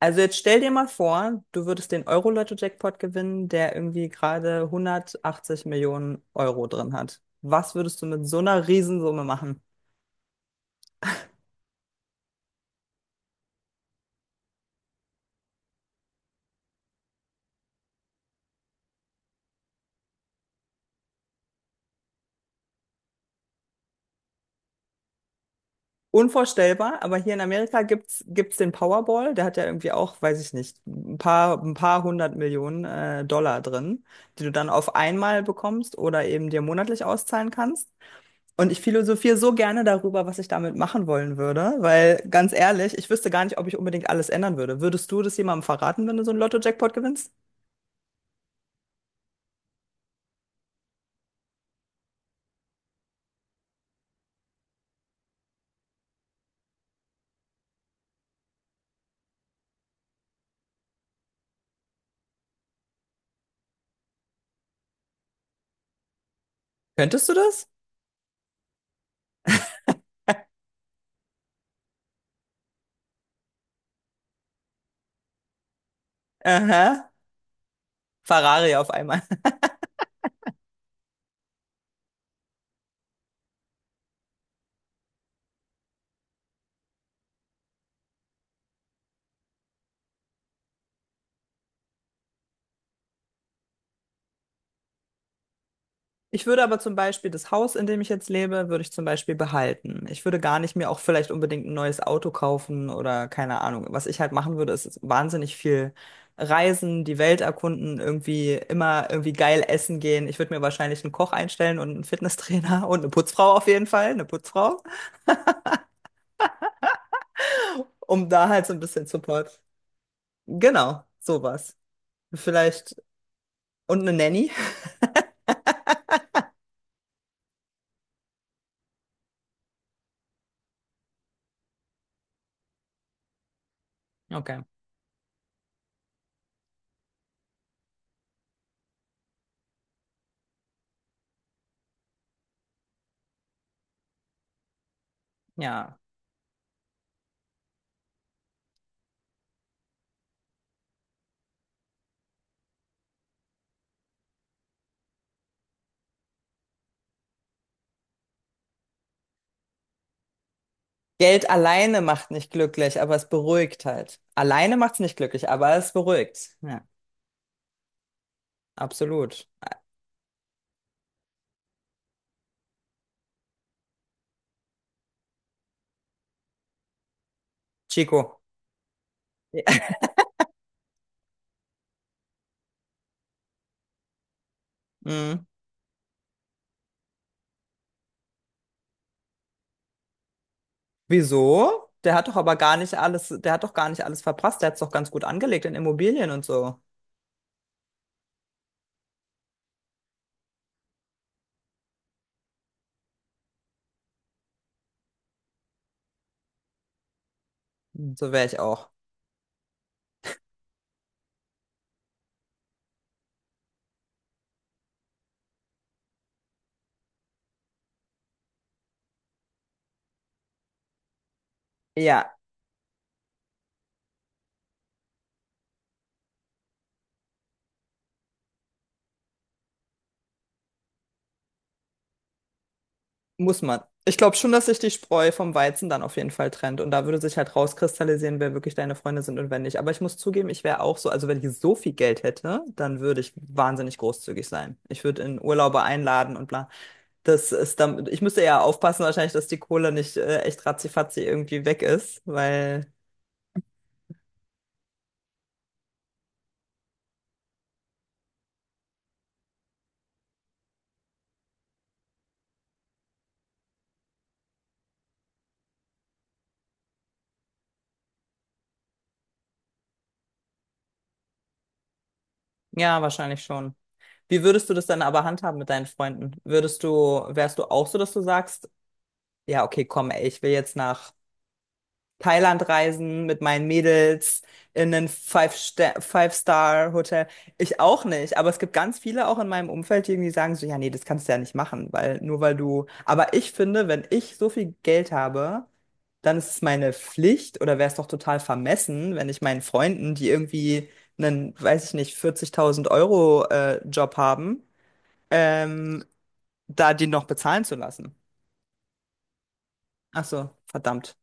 Also jetzt stell dir mal vor, du würdest den Euro-Lotto-Jackpot gewinnen, der irgendwie gerade 180 Millionen Euro drin hat. Was würdest du mit so einer Riesensumme machen? Unvorstellbar, aber hier in Amerika gibt's den Powerball, der hat ja irgendwie auch, weiß ich nicht, ein paar hundert Millionen Dollar drin, die du dann auf einmal bekommst oder eben dir monatlich auszahlen kannst. Und ich philosophiere so gerne darüber, was ich damit machen wollen würde, weil ganz ehrlich, ich wüsste gar nicht, ob ich unbedingt alles ändern würde. Würdest du das jemandem verraten, wenn du so einen Lotto-Jackpot gewinnst? Könntest du das? Aha, Ferrari auf einmal. Ich würde aber zum Beispiel das Haus, in dem ich jetzt lebe, würde ich zum Beispiel behalten. Ich würde gar nicht mir auch vielleicht unbedingt ein neues Auto kaufen oder keine Ahnung. Was ich halt machen würde, ist wahnsinnig viel reisen, die Welt erkunden, irgendwie immer irgendwie geil essen gehen. Ich würde mir wahrscheinlich einen Koch einstellen und einen Fitnesstrainer und eine Putzfrau auf jeden Fall, eine Putzfrau, um da halt so ein bisschen Support. Genau, sowas. Vielleicht und eine Nanny. Okay, ja. Geld alleine macht nicht glücklich, aber es beruhigt halt. Alleine macht es nicht glücklich, aber es beruhigt. Ja, absolut. Chico. Ja. Mhm. Wieso? Der hat doch aber gar nicht alles, der hat doch gar nicht alles verprasst. Der hat es doch ganz gut angelegt in Immobilien und so. So wäre ich auch. Ja, muss man. Ich glaube schon, dass sich die Spreu vom Weizen dann auf jeden Fall trennt. Und da würde sich halt rauskristallisieren, wer wirklich deine Freunde sind und wer nicht. Aber ich muss zugeben, ich wäre auch so, also wenn ich so viel Geld hätte, dann würde ich wahnsinnig großzügig sein. Ich würde in Urlaube einladen und bla. Das ist dann, ich müsste eher aufpassen wahrscheinlich, dass die Kohle nicht echt ratzifatzi irgendwie weg ist, weil ja, wahrscheinlich schon. Wie würdest du das dann aber handhaben mit deinen Freunden? Würdest du, wärst du auch so, dass du sagst, ja, okay, komm, ey, ich will jetzt nach Thailand reisen mit meinen Mädels in ein Five-Star-Hotel? Ich auch nicht, aber es gibt ganz viele auch in meinem Umfeld, die irgendwie sagen so, ja, nee, das kannst du ja nicht machen, weil nur weil du, aber ich finde, wenn ich so viel Geld habe, dann ist es meine Pflicht oder wäre es doch total vermessen, wenn ich meinen Freunden, die irgendwie einen, weiß ich nicht, 40.000 Euro Job haben, ähm, da die noch bezahlen zu lassen. Ach so, verdammt.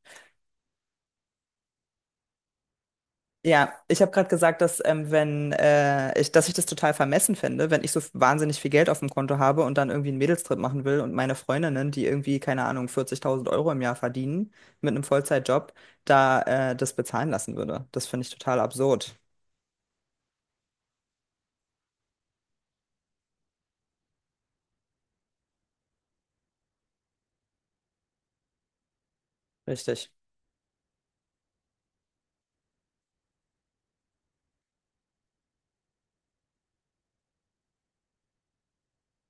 Ja, ich habe gerade gesagt, dass wenn ich, dass ich das total vermessen fände, wenn ich so wahnsinnig viel Geld auf dem Konto habe und dann irgendwie einen Mädelstrip machen will und meine Freundinnen, die irgendwie, keine Ahnung, 40.000 Euro im Jahr verdienen mit einem Vollzeitjob, da das bezahlen lassen würde. Das finde ich total absurd. Richtig.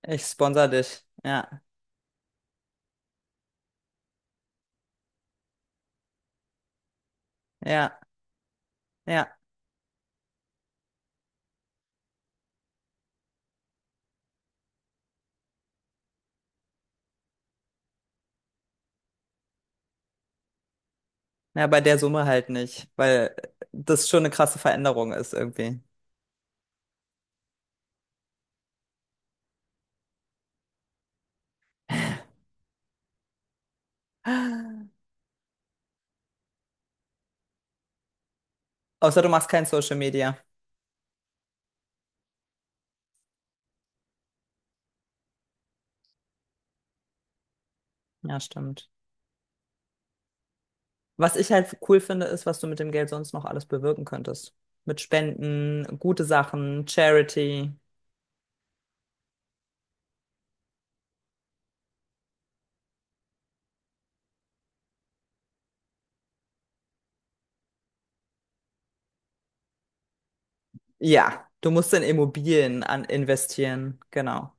Ich sponsor dich. Ja, ja, ja. Ja, bei der Summe halt nicht, weil das schon eine krasse Veränderung ist irgendwie. Außer du machst kein Social Media. Ja, stimmt. Was ich halt cool finde, ist, was du mit dem Geld sonst noch alles bewirken könntest. Mit Spenden, gute Sachen, Charity. Ja, du musst in Immobilien an investieren. Genau.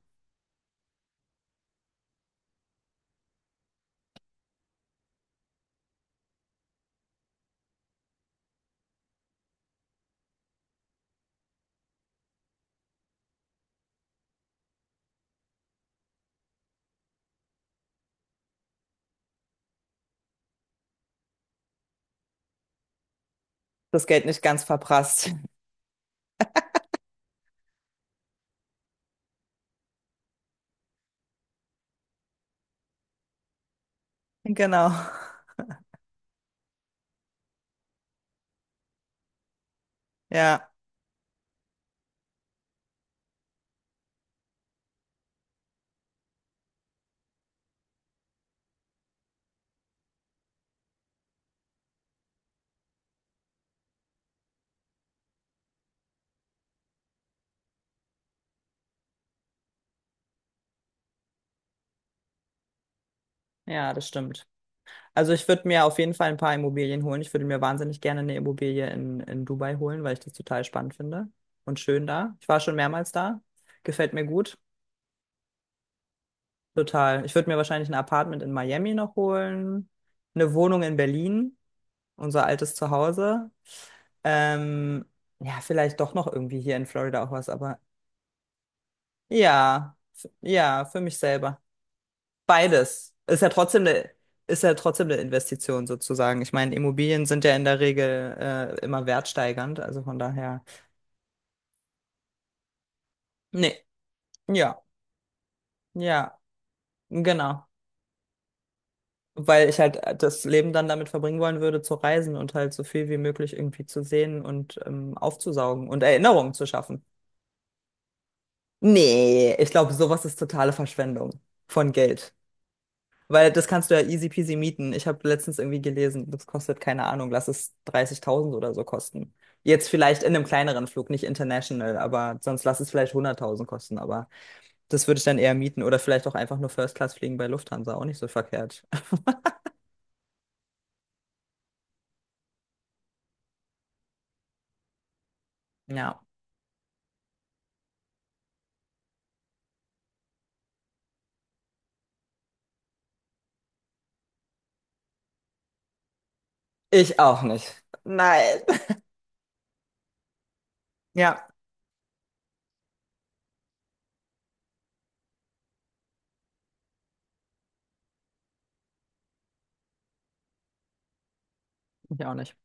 Das Geld nicht ganz verprasst. Genau. Ja, ja, das stimmt. Also ich würde mir auf jeden Fall ein paar Immobilien holen. Ich würde mir wahnsinnig gerne eine Immobilie in Dubai holen, weil ich das total spannend finde und schön da. Ich war schon mehrmals da. Gefällt mir gut. Total. Ich würde mir wahrscheinlich ein Apartment in Miami noch holen, eine Wohnung in Berlin, unser altes Zuhause. Ähm, ja, vielleicht doch noch irgendwie hier in Florida auch was, aber ja, ja, für mich selber. Beides. Ist ja trotzdem eine, ist ja trotzdem eine Investition sozusagen. Ich meine, Immobilien sind ja in der Regel immer wertsteigernd, also von daher. Nee, ja, ja, genau. Weil ich halt das Leben dann damit verbringen wollen würde, zu reisen und halt so viel wie möglich irgendwie zu sehen und aufzusaugen und Erinnerungen zu schaffen. Nee, ich glaube, sowas ist totale Verschwendung von Geld. Weil das kannst du ja easy peasy mieten. Ich habe letztens irgendwie gelesen, das kostet, keine Ahnung, lass es 30.000 oder so kosten. Jetzt vielleicht in einem kleineren Flug, nicht international, aber sonst lass es vielleicht 100.000 kosten. Aber das würde ich dann eher mieten oder vielleicht auch einfach nur First Class fliegen bei Lufthansa, auch nicht so verkehrt. Ja. Ich auch nicht. Nein. Ja, ich auch nicht.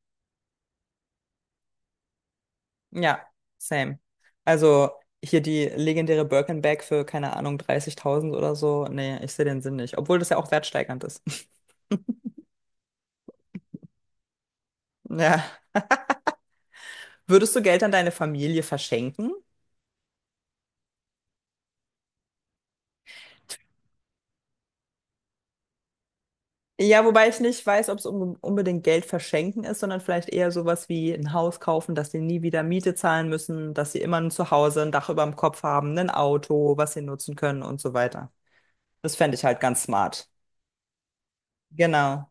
Ja, same. Also hier die legendäre Birkenbag für, keine Ahnung, 30.000 oder so. Nee, ich sehe den Sinn nicht. Obwohl das ja auch wertsteigernd ist. Ja. Würdest du Geld an deine Familie verschenken? Ja, wobei ich nicht weiß, ob es un unbedingt Geld verschenken ist, sondern vielleicht eher sowas wie ein Haus kaufen, dass sie nie wieder Miete zahlen müssen, dass sie immer ein Zuhause, ein Dach über dem Kopf haben, ein Auto, was sie nutzen können und so weiter. Das fände ich halt ganz smart. Genau.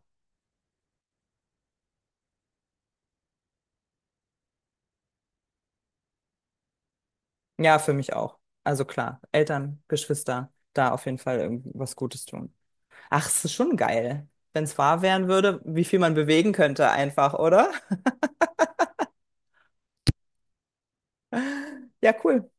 Ja, für mich auch. Also klar, Eltern, Geschwister, da auf jeden Fall irgendwie was Gutes tun. Ach, es ist schon geil, wenn es wahr werden würde, wie viel man bewegen könnte einfach, oder? Ja, cool.